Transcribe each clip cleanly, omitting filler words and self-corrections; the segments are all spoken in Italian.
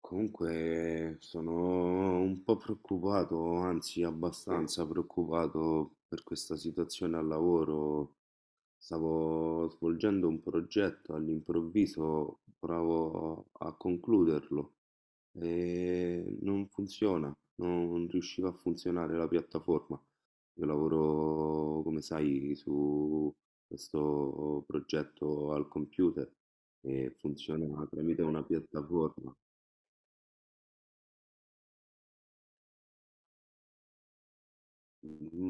Comunque sono un po' preoccupato, anzi abbastanza preoccupato per questa situazione al lavoro. Stavo svolgendo un progetto, all'improvviso provo a concluderlo e non funziona, non riusciva a funzionare la piattaforma. Io lavoro, come sai, su questo progetto al computer e funziona tramite una piattaforma.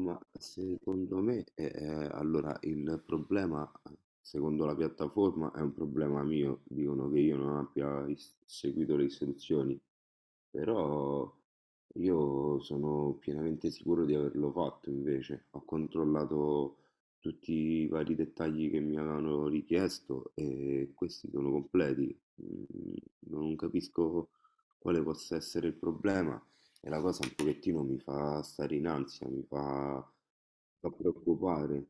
Ma secondo me, allora il problema, secondo la piattaforma, è un problema mio. Dicono che io non abbia is seguito le istruzioni. Però io sono pienamente sicuro di averlo fatto invece. Ho controllato tutti i vari dettagli che mi avevano richiesto e questi sono completi. Non capisco quale possa essere il problema e la cosa un pochettino mi fa stare in ansia, mi fa, fa preoccupare.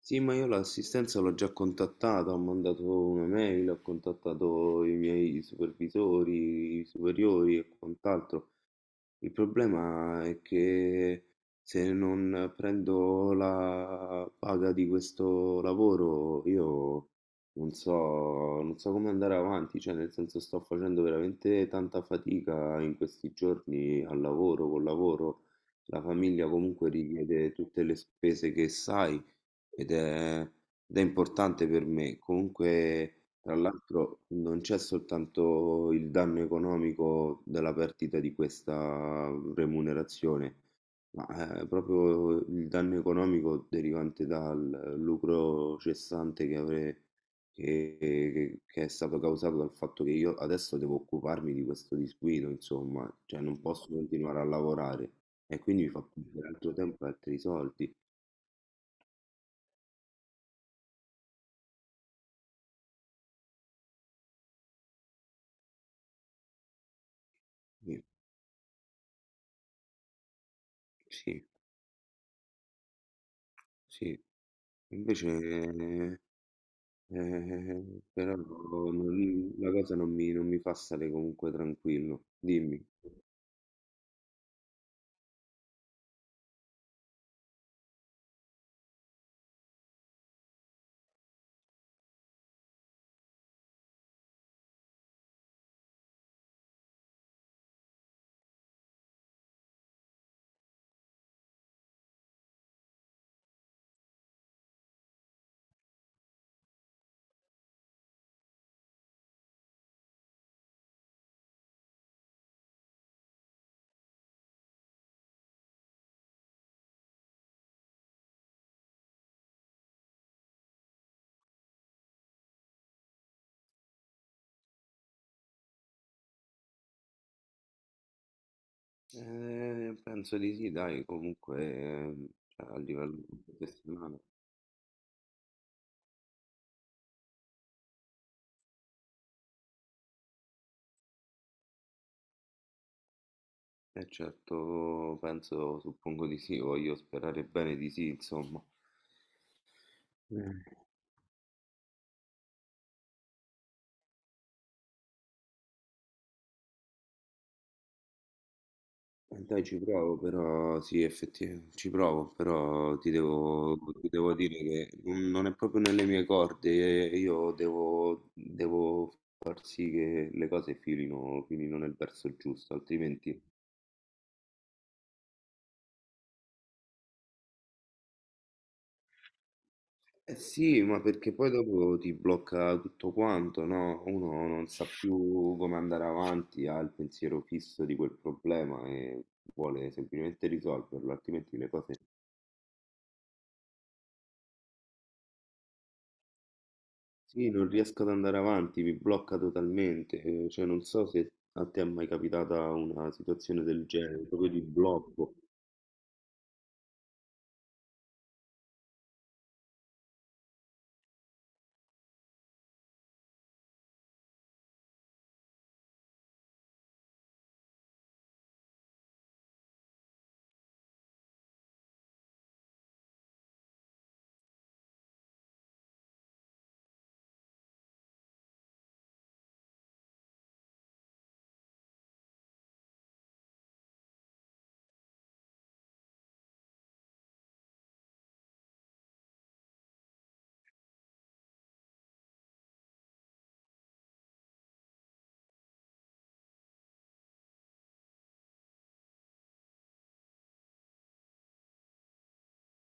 Sì, ma io l'assistenza l'ho già contattata, ho mandato una mail, ho contattato i miei supervisori, i superiori e quant'altro. Il problema è che se non prendo la paga di questo lavoro, io non so, non so come andare avanti, cioè nel senso sto facendo veramente tanta fatica in questi giorni al lavoro, col lavoro. La famiglia comunque richiede tutte le spese che sai, ed è, ed è importante per me. Comunque, tra l'altro, non c'è soltanto il danno economico della perdita di questa remunerazione, ma proprio il danno economico derivante dal lucro cessante che avrei. Che è stato causato dal fatto che io adesso devo occuparmi di questo disguido, insomma, cioè non posso continuare a lavorare e quindi mi fa perdere altro tempo e altri soldi. Sì, sì. Sì. Invece, però la cosa non mi fa stare comunque tranquillo. Dimmi. Penso di sì, dai, comunque cioè, a livello professionale. E certo, penso, suppongo di sì, voglio sperare bene di sì, insomma. Dai, ci provo, però sì, effettivamente ci provo, però ti devo dire che non è proprio nelle mie corde, io devo, devo far sì che le cose filino, filino nel verso giusto, altrimenti... Eh sì, ma perché poi dopo ti blocca tutto quanto, no? Uno non sa più come andare avanti, ha il pensiero fisso di quel problema e vuole semplicemente risolverlo, altrimenti le cose. Sì, non riesco ad andare avanti, mi blocca totalmente, cioè non so se a te è mai capitata una situazione del genere, proprio di blocco.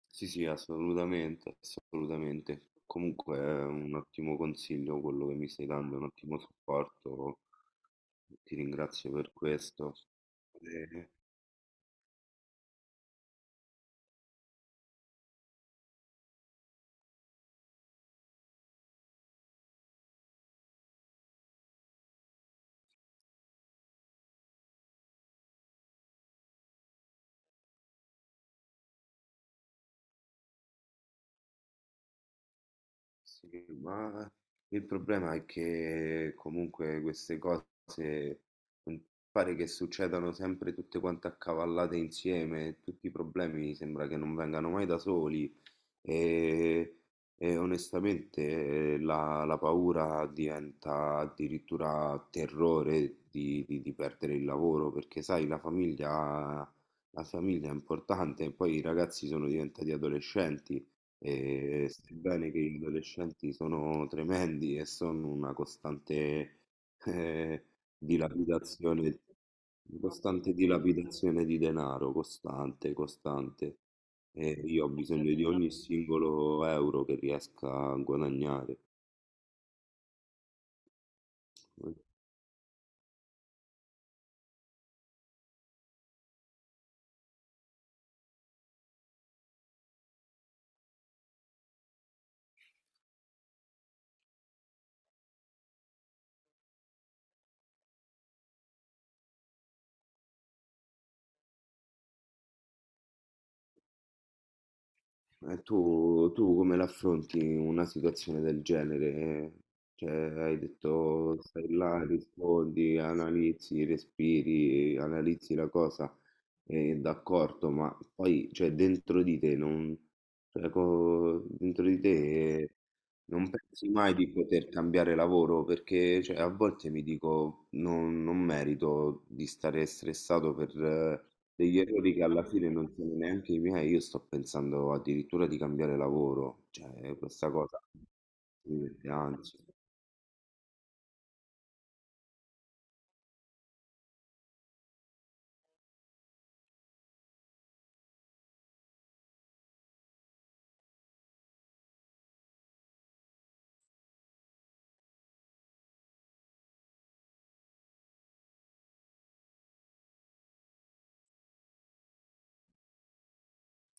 Sì, sì, assolutamente, assolutamente. Comunque è un ottimo consiglio quello che mi stai dando, è un ottimo supporto, ti ringrazio per questo. Eh, Sì, ma il problema è che comunque queste cose non pare che succedano sempre tutte quante accavallate insieme, tutti i problemi sembra che non vengano mai da soli. E, e onestamente la paura diventa addirittura terrore di, di perdere il lavoro, perché sai, la famiglia è importante, e poi i ragazzi sono diventati adolescenti, e sebbene che gli adolescenti sono tremendi e sono una costante eh, dilapidazione, una costante dilapidazione di denaro, costante, costante. E io ho bisogno di, capito? Ogni singolo euro che riesca a guadagnare. E tu, tu come l'affronti una situazione del genere? Cioè, hai detto stai là, rispondi, analizzi, respiri, analizzi la cosa. D'accordo, ma poi, cioè, dentro di te non, cioè, dentro di te non pensi mai di poter cambiare lavoro perché, cioè, a volte mi dico non, non merito di stare stressato per degli errori che alla fine non sono neanche i miei. Io sto pensando addirittura di cambiare lavoro, cioè, questa cosa mi mette ansia.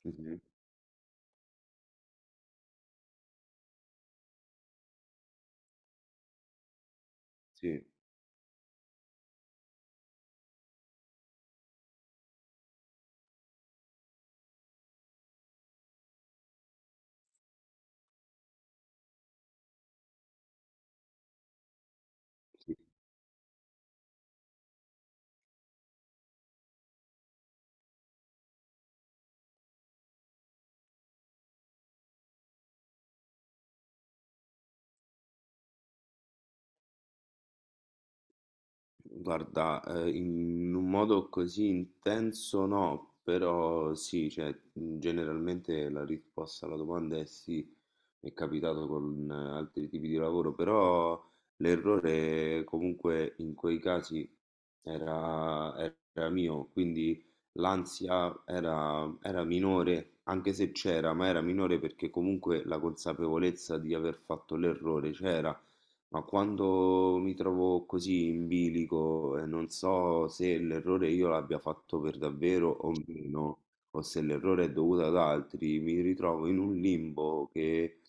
Mhm. Sì, sì. Guarda, in un modo così intenso no, però sì, cioè, generalmente la risposta alla domanda è sì, è capitato con altri tipi di lavoro, però l'errore comunque in quei casi era, era mio, quindi l'ansia era, era minore, anche se c'era, ma era minore perché comunque la consapevolezza di aver fatto l'errore c'era, ma quando mi trovo così in bilico e non so se l'errore io l'abbia fatto per davvero o meno, o se l'errore è dovuto ad altri, mi ritrovo in un limbo che,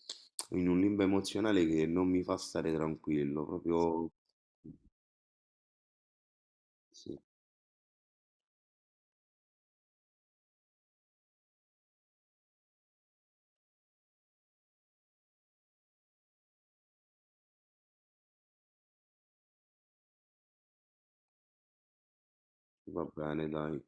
in un limbo emozionale che non mi fa stare tranquillo, proprio. Sì, va bene, dai.